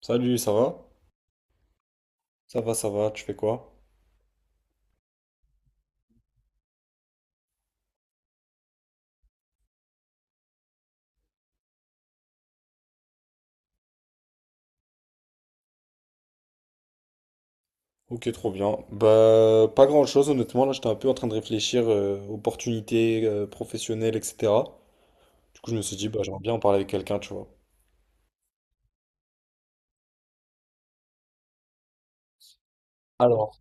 Salut, ça va? Ça va, ça va, tu fais quoi? Ok, trop bien. Bah, pas grand-chose, honnêtement. Là, j'étais un peu en train de réfléchir opportunités professionnelles, etc. Du coup, je me suis dit, bah, j'aimerais bien en parler avec quelqu'un, tu vois. Alors,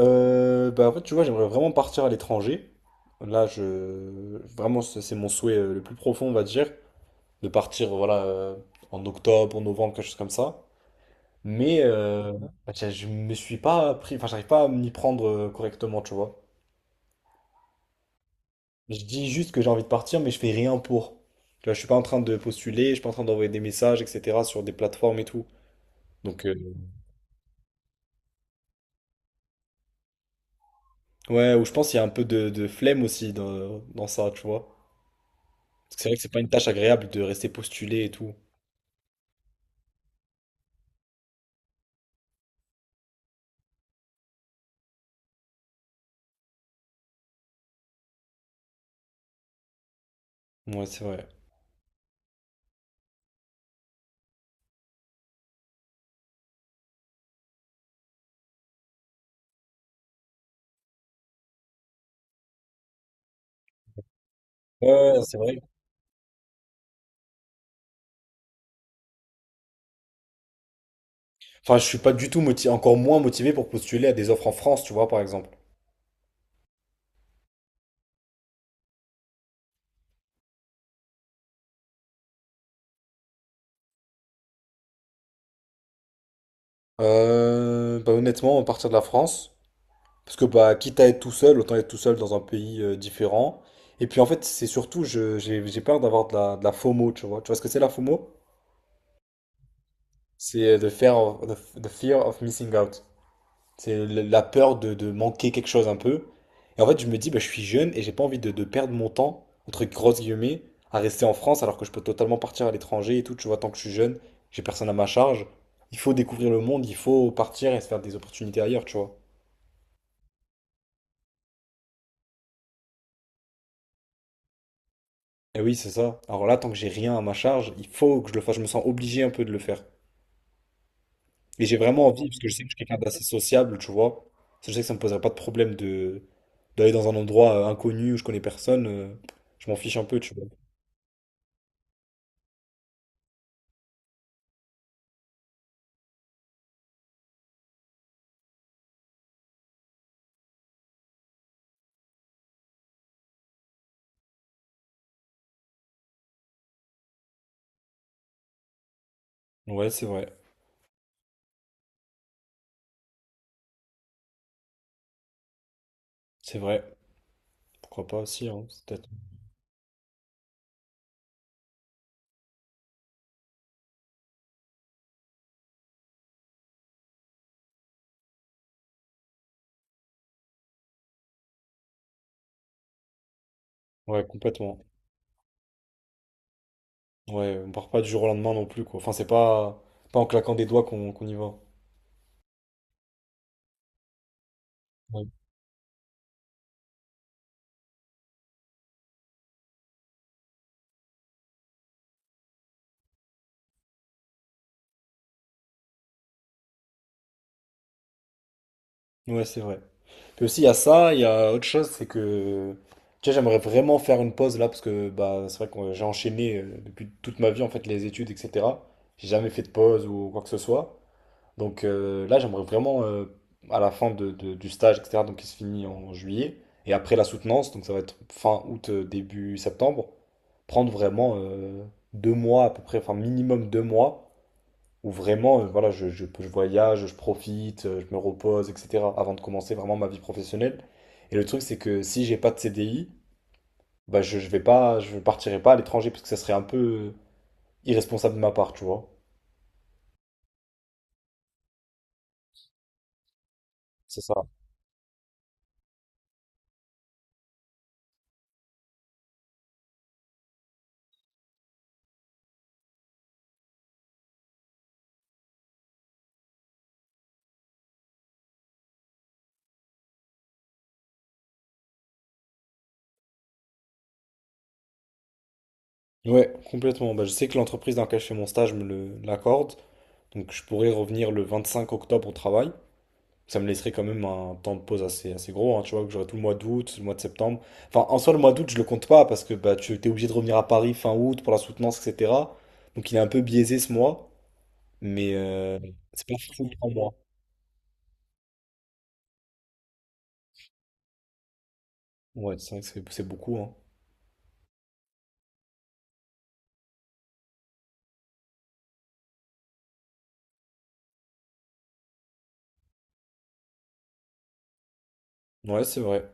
bah, en fait, tu vois, j'aimerais vraiment partir à l'étranger. Là, je... Vraiment, c'est mon souhait le plus profond, on va dire, de partir, voilà, en octobre, en novembre, quelque chose comme ça. Mais bah, je me suis pas pris... Enfin, j'arrive pas à m'y prendre correctement, tu vois. Je dis juste que j'ai envie de partir, mais je fais rien pour. Tu vois, je suis pas en train de postuler, je suis pas en train d'envoyer des messages, etc. sur des plateformes et tout. Donc, ouais, ou je pense qu'il y a un peu de flemme aussi dans ça, tu vois. Parce que c'est vrai que c'est pas une tâche agréable de rester postulé et tout. Ouais, c'est vrai. Ouais, ouais, c'est vrai. Enfin, je suis pas du tout motivé, encore moins motivé pour postuler à des offres en France, tu vois, par exemple. Bah, honnêtement, à partir de la France. Parce que bah, quitte à être tout seul, autant être tout seul dans un pays différent. Et puis en fait, c'est surtout, j'ai peur d'avoir de la FOMO, tu vois. Tu vois ce que c'est la FOMO? C'est the fear of missing out. C'est la peur de manquer quelque chose un peu. Et en fait, je me dis, bah, je suis jeune et j'ai pas envie de perdre mon temps, entre grosses guillemets, à rester en France alors que je peux totalement partir à l'étranger et tout. Tu vois, tant que je suis jeune, j'ai personne à ma charge. Il faut découvrir le monde, il faut partir et se faire des opportunités ailleurs, tu vois. Et oui, c'est ça. Alors là, tant que j'ai rien à ma charge, il faut que je le fasse. Je me sens obligé un peu de le faire. Et j'ai vraiment envie, parce que je suis quelqu'un d'assez sociable, tu vois. Je sais que ça me poserait pas de problème de d'aller dans un endroit inconnu où je connais personne. Je m'en fiche un peu, tu vois. Ouais, c'est vrai. C'est vrai. Pourquoi pas aussi, hein, c'est peut-être. Ouais, complètement. Ouais, on part pas du jour au lendemain non plus, quoi. Enfin, c'est pas, pas en claquant des doigts qu'on y va. Ouais, c'est vrai. Puis aussi, il y a ça, il y a autre chose, c'est que, tu sais, j'aimerais vraiment faire une pause là, parce que bah, c'est vrai que j'ai enchaîné depuis toute ma vie, en fait, les études, etc. J'ai jamais fait de pause ou quoi que ce soit. Donc là, j'aimerais vraiment, à la fin du stage, etc., donc qui se finit en juillet, et après la soutenance, donc ça va être fin août, début septembre, prendre vraiment 2 mois à peu près, enfin minimum 2 mois, où vraiment, voilà, je voyage, je profite, je me repose, etc. avant de commencer vraiment ma vie professionnelle. Et le truc, c'est que si j'ai pas de CDI, bah je vais pas, je partirai pas à l'étranger parce que ça serait un peu irresponsable de ma part, tu vois. C'est ça. Ouais, complètement. Bah, je sais que l'entreprise dans laquelle je fais mon stage me l'accorde, donc je pourrais revenir le 25 octobre au travail. Ça me laisserait quand même un temps de pause assez, assez gros, hein, tu vois, que j'aurais tout le mois d'août, le mois de septembre. Enfin, en soi, le mois d'août, je le compte pas parce que bah, tu es obligé de revenir à Paris fin août pour la soutenance, etc. Donc il est un peu biaisé ce mois, mais c'est pas fou pour mois. Ouais, c'est vrai que c'est beaucoup, hein. Ouais, c'est vrai.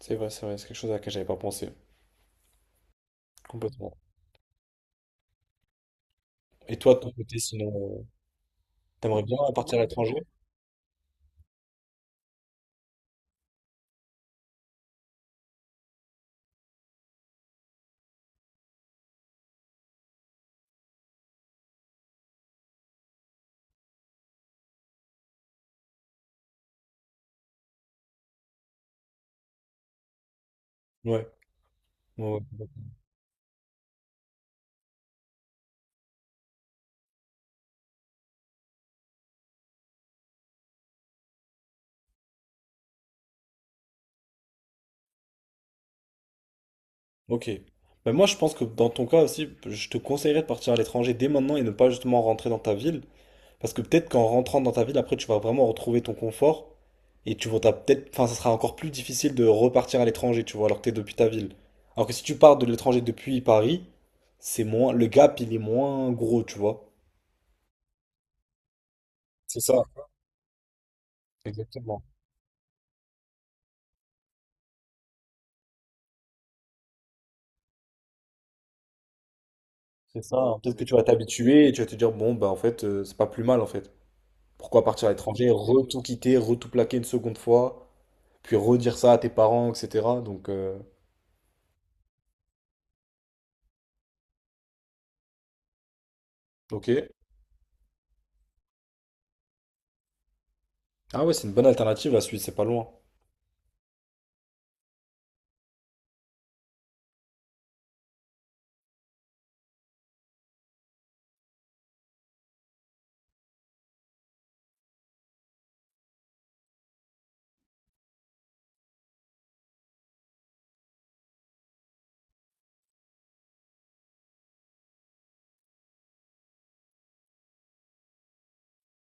C'est vrai, c'est vrai. C'est quelque chose à laquelle j'avais pas pensé. Complètement. Et toi, de ton côté, sinon, euh, t'aimerais bien partir à l'étranger? Ouais. Ouais, ouais. Ok. Ben moi, je pense que dans ton cas aussi, je te conseillerais de partir à l'étranger dès maintenant et ne pas justement rentrer dans ta ville. Parce que peut-être qu'en rentrant dans ta ville, après, tu vas vraiment retrouver ton confort et tu vas t'as peut-être, enfin, ça sera encore plus difficile de repartir à l'étranger, tu vois, alors que t'es depuis ta ville. Alors que si tu pars de l'étranger depuis Paris, c'est moins, le gap, il est moins gros, tu vois. C'est ça, exactement. C'est ça. Hein. Peut-être que tu vas t'habituer et tu vas te dire, bon, bah, en fait, c'est pas plus mal, en fait. Pourquoi partir à l'étranger, re tout quitter, re tout plaquer une seconde fois, puis redire ça à tes parents, etc. Donc, ok. Ah ouais, c'est une bonne alternative, la Suisse, c'est pas loin.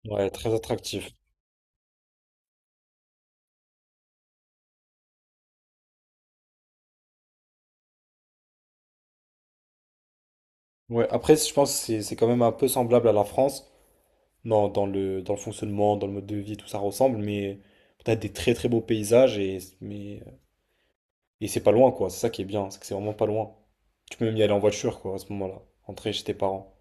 Ouais, très attractif. Ouais, après, je pense que c'est quand même un peu semblable à la France, dans le fonctionnement, dans le mode de vie, tout ça ressemble, mais t'as des très très beaux paysages et, mais, et c'est pas loin, quoi. C'est ça qui est bien, c'est que c'est vraiment pas loin. Tu peux même y aller en voiture, quoi, à ce moment-là, rentrer chez tes parents.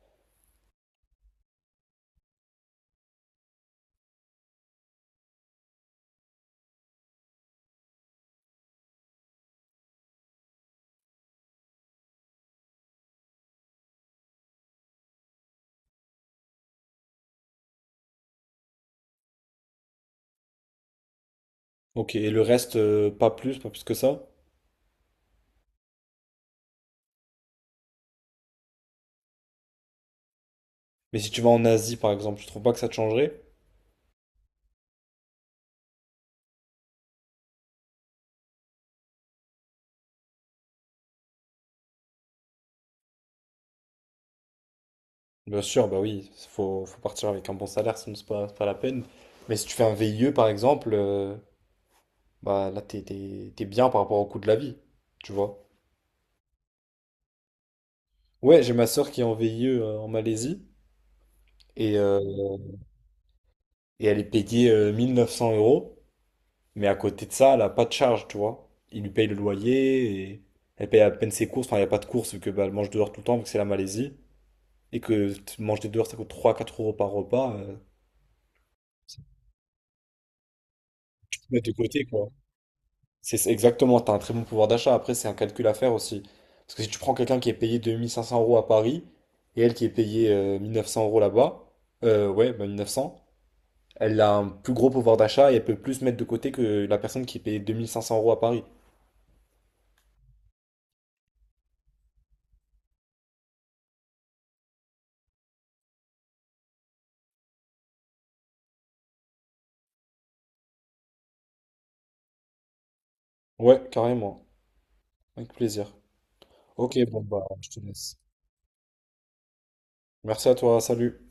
Ok, et le reste, pas plus, pas plus que ça. Mais si tu vas en Asie, par exemple, tu trouves pas que ça te changerait? Bien sûr, bah oui, faut partir avec un bon salaire, sinon c'est pas la peine. Mais si tu fais un VIE, par exemple, bah là, t'es bien par rapport au coût de la vie, tu vois. Ouais, j'ai ma sœur qui est en VIE en Malaisie et, euh, et elle est payée 1900 euros, mais à côté de ça, elle a pas de charge, tu vois. Ils lui payent le loyer et elle paye à peine ses courses. Enfin, il n'y a pas de courses vu que bah, elle mange dehors tout le temps vu que c'est la Malaisie et que manger dehors ça coûte trois quatre euros par repas. C'est tout mettre de côté, quoi. C'est exactement, t'as un très bon pouvoir d'achat. Après, c'est un calcul à faire aussi. Parce que si tu prends quelqu'un qui est payé 2500 euros à Paris et elle qui est payée 1900 euros là-bas, ouais, bah 1900. Elle a un plus gros pouvoir d'achat et elle peut plus mettre de côté que la personne qui paye 2500 euros à Paris. Ouais, carrément. Avec plaisir. Ok, bon, bah, je te laisse. Merci à toi, salut.